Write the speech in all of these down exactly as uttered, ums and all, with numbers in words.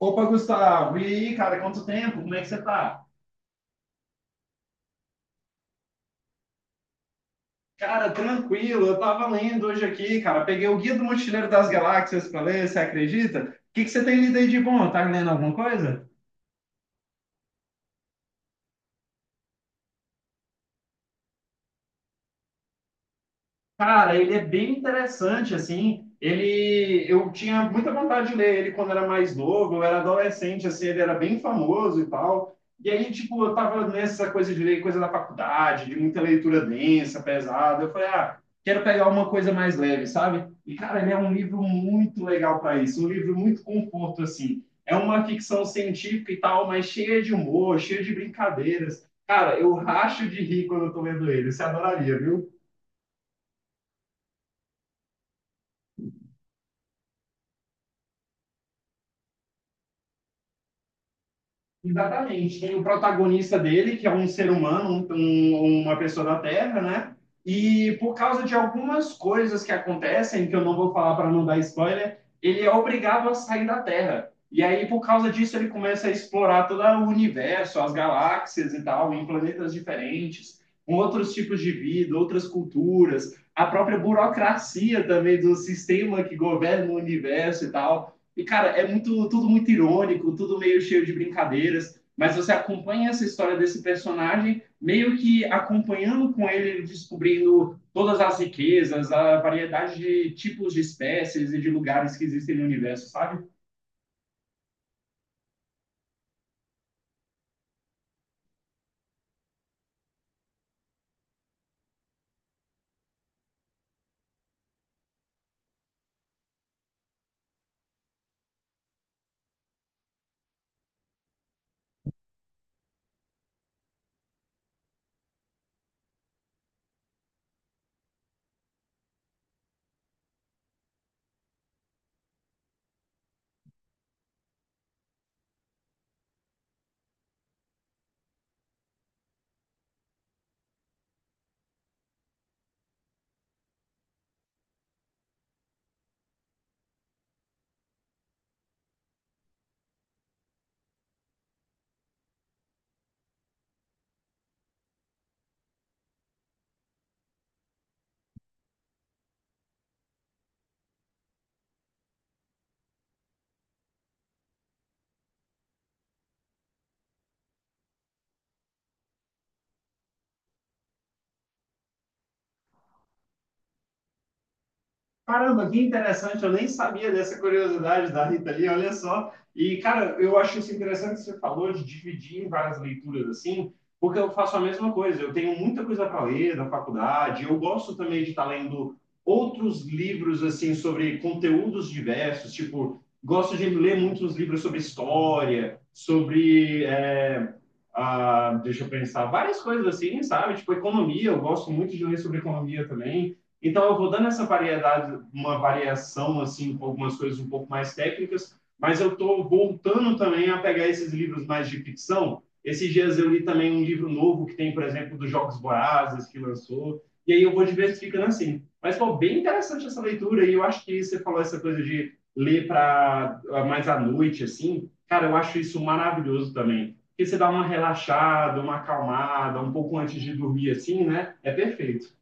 Opa, Gustavo, e aí, cara, quanto tempo? Como é que você tá? Cara, tranquilo, eu tava lendo hoje aqui, cara, peguei o Guia do Mochileiro das Galáxias pra ler, você acredita? O que que você tem lido aí de bom? Tá lendo alguma coisa? Cara, ele é bem interessante, assim. Ele, eu tinha muita vontade de ler ele quando era mais novo, eu era adolescente, assim, ele era bem famoso e tal. E aí, tipo, eu tava nessa coisa de ler coisa da faculdade, de muita leitura densa, pesada. Eu falei, ah, quero pegar uma coisa mais leve, sabe? E, cara, ele é um livro muito legal para isso, um livro muito conforto, assim. É uma ficção científica e tal, mas cheia de humor, cheia de brincadeiras. Cara, eu racho de rir quando eu tô lendo ele. Você adoraria, viu? Exatamente. Tem o protagonista dele, que é um ser humano, um- um- uma pessoa da Terra, né? E por causa de algumas coisas que acontecem, que eu não vou falar para não dar spoiler, ele é obrigado a sair da Terra. E aí, por causa disso, ele começa a explorar todo o universo, as galáxias e tal, em planetas diferentes, com outros tipos de vida, outras culturas, a própria burocracia também do sistema que governa o universo e tal. E, cara, é muito, tudo muito irônico, tudo meio cheio de brincadeiras, mas você acompanha essa história desse personagem, meio que acompanhando com ele, descobrindo todas as riquezas, a variedade de tipos de espécies e de lugares que existem no universo, sabe? Caramba, que interessante, eu nem sabia dessa curiosidade da Rita ali, olha só. E, cara, eu acho isso interessante que você falou de dividir em várias leituras assim, porque eu faço a mesma coisa. Eu tenho muita coisa para ler da faculdade, eu gosto também de estar lendo outros livros, assim, sobre conteúdos diversos, tipo, gosto de ler muitos livros sobre história, sobre. é, ah, deixa eu pensar, várias coisas assim, sabe? Tipo, economia, eu gosto muito de ler sobre economia também. Então, eu vou dando essa variedade, uma variação, assim, com algumas coisas um pouco mais técnicas, mas eu estou voltando também a pegar esses livros mais de ficção. Esses dias eu li também um livro novo que tem, por exemplo, dos Jogos Vorazes, que lançou, e aí eu vou diversificando assim. Mas foi bem interessante essa leitura, e eu acho que você falou essa coisa de ler para mais à noite, assim, cara, eu acho isso maravilhoso também. Porque você dá uma relaxada, uma acalmada, um pouco antes de dormir, assim, né? É perfeito.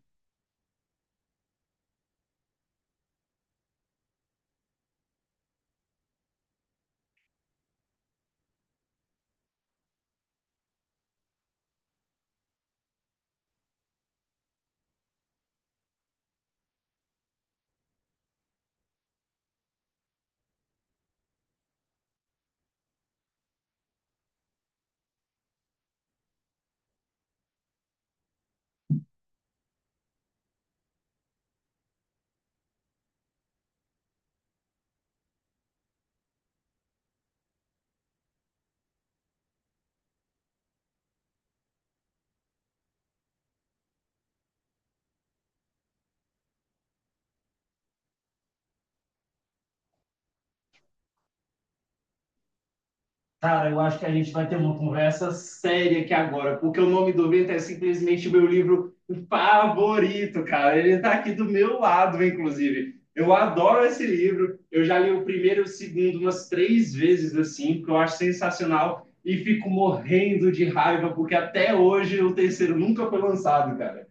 Cara, eu acho que a gente vai ter uma conversa séria aqui agora, porque o nome do vento é simplesmente meu livro favorito, cara. Ele tá aqui do meu lado, inclusive. Eu adoro esse livro. Eu já li o primeiro e o segundo umas três vezes, assim, porque eu acho sensacional e fico morrendo de raiva, porque até hoje o terceiro nunca foi lançado, cara.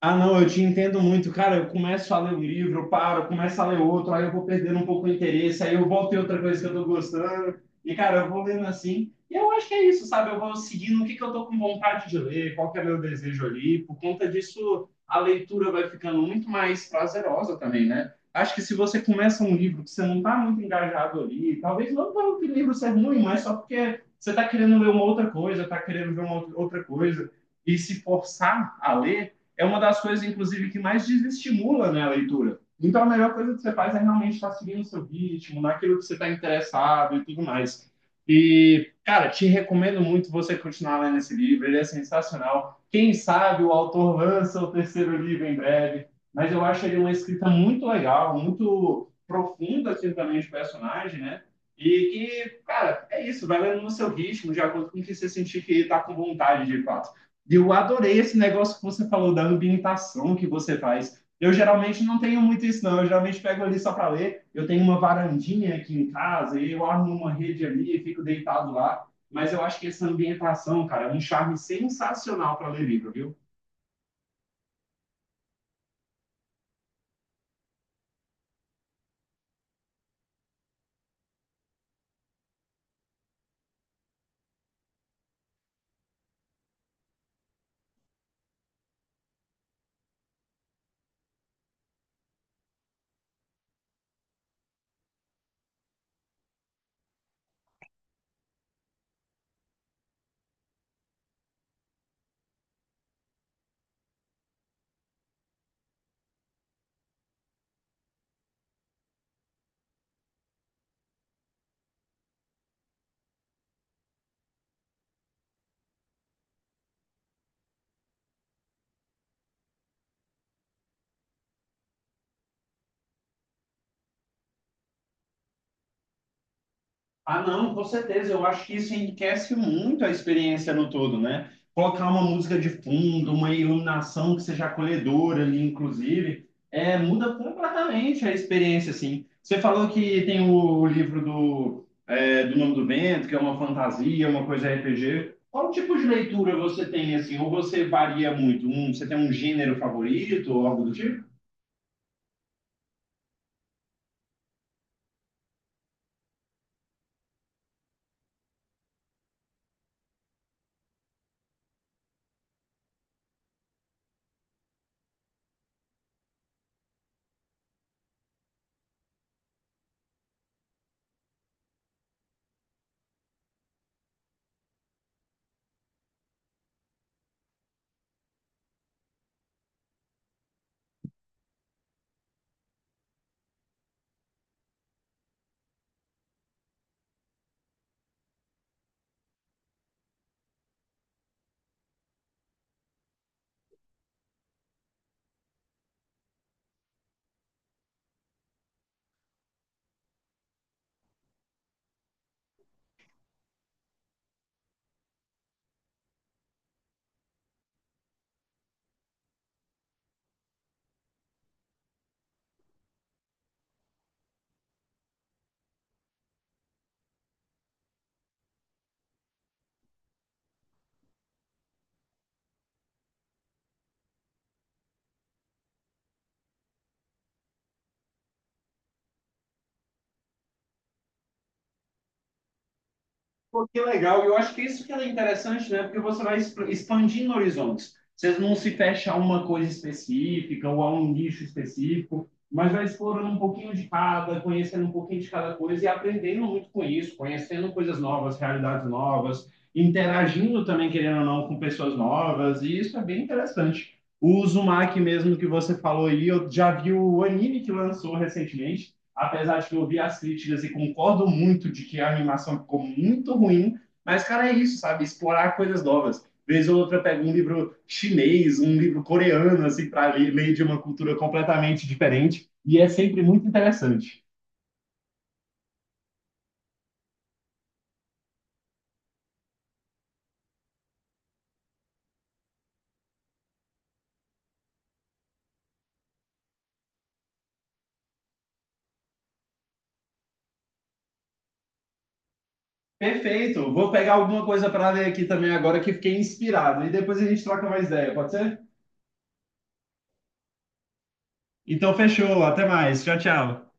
Ah, não, eu te entendo muito. Cara, eu começo a ler um livro, eu paro, eu começo a ler outro, aí eu vou perdendo um pouco o interesse, aí eu volto em outra coisa que eu tô gostando. E, cara, eu vou lendo assim. E eu acho que é isso, sabe? Eu vou seguindo o que que eu tô com vontade de ler, qual que é meu desejo ali. Por conta disso, a leitura vai ficando muito mais prazerosa também, né? Acho que se você começa um livro que você não tá muito engajado ali, talvez não pelo que o livro ser ruim, mas só porque você tá querendo ler uma outra coisa, tá querendo ver uma outra coisa, e se forçar a ler é uma das coisas, inclusive, que mais desestimula né, a leitura. Então, a melhor coisa que você faz é realmente estar seguindo o seu ritmo, naquilo que você está interessado e tudo mais. E, cara, te recomendo muito você continuar lendo esse livro, ele é sensacional. Quem sabe o autor lança o terceiro livro em breve, mas eu acho ele uma escrita muito legal, muito profunda assim, também de personagem, né? E que, cara, é isso, vai lendo no seu ritmo, de acordo com o que você sentir que está com vontade de fato. Eu adorei esse negócio que você falou da ambientação que você faz. Eu geralmente não tenho muito isso, não. Eu geralmente pego ali só para ler. Eu tenho uma varandinha aqui em casa e eu armo uma rede ali e fico deitado lá. Mas eu acho que essa ambientação, cara, é um charme sensacional para ler livro, viu? Ah, não, com certeza. Eu acho que isso enriquece muito a experiência no todo, né? Colocar uma música de fundo, uma iluminação que seja acolhedora ali, inclusive, é, muda completamente a experiência, assim. Você falou que tem o livro do, é, do Nome do Vento, que é uma fantasia, uma coisa R P G. Qual tipo de leitura você tem, assim? Ou você varia muito? Um, você tem um gênero favorito ou algo do tipo? Pô, que legal. Eu acho que isso que é interessante, né? Porque você vai exp- expandindo horizontes. Você não se fecha a uma coisa específica ou a um nicho específico, mas vai explorando um pouquinho de cada, conhecendo um pouquinho de cada coisa e aprendendo muito com isso, conhecendo coisas novas, realidades novas, interagindo também, querendo ou não, com pessoas novas. E isso é bem interessante. O Uzumaki mesmo que você falou aí, eu já vi o anime que lançou recentemente apesar de que eu vi as críticas e concordo muito de que a animação ficou muito ruim, mas, cara, é isso, sabe? Explorar coisas novas. Vez ou outra pega um livro chinês, um livro coreano, assim, para ler de uma cultura completamente diferente, e é sempre muito interessante. Perfeito, vou pegar alguma coisa para ler aqui também agora que fiquei inspirado, e depois a gente troca mais ideia, pode ser? Então, fechou, até mais, tchau, tchau.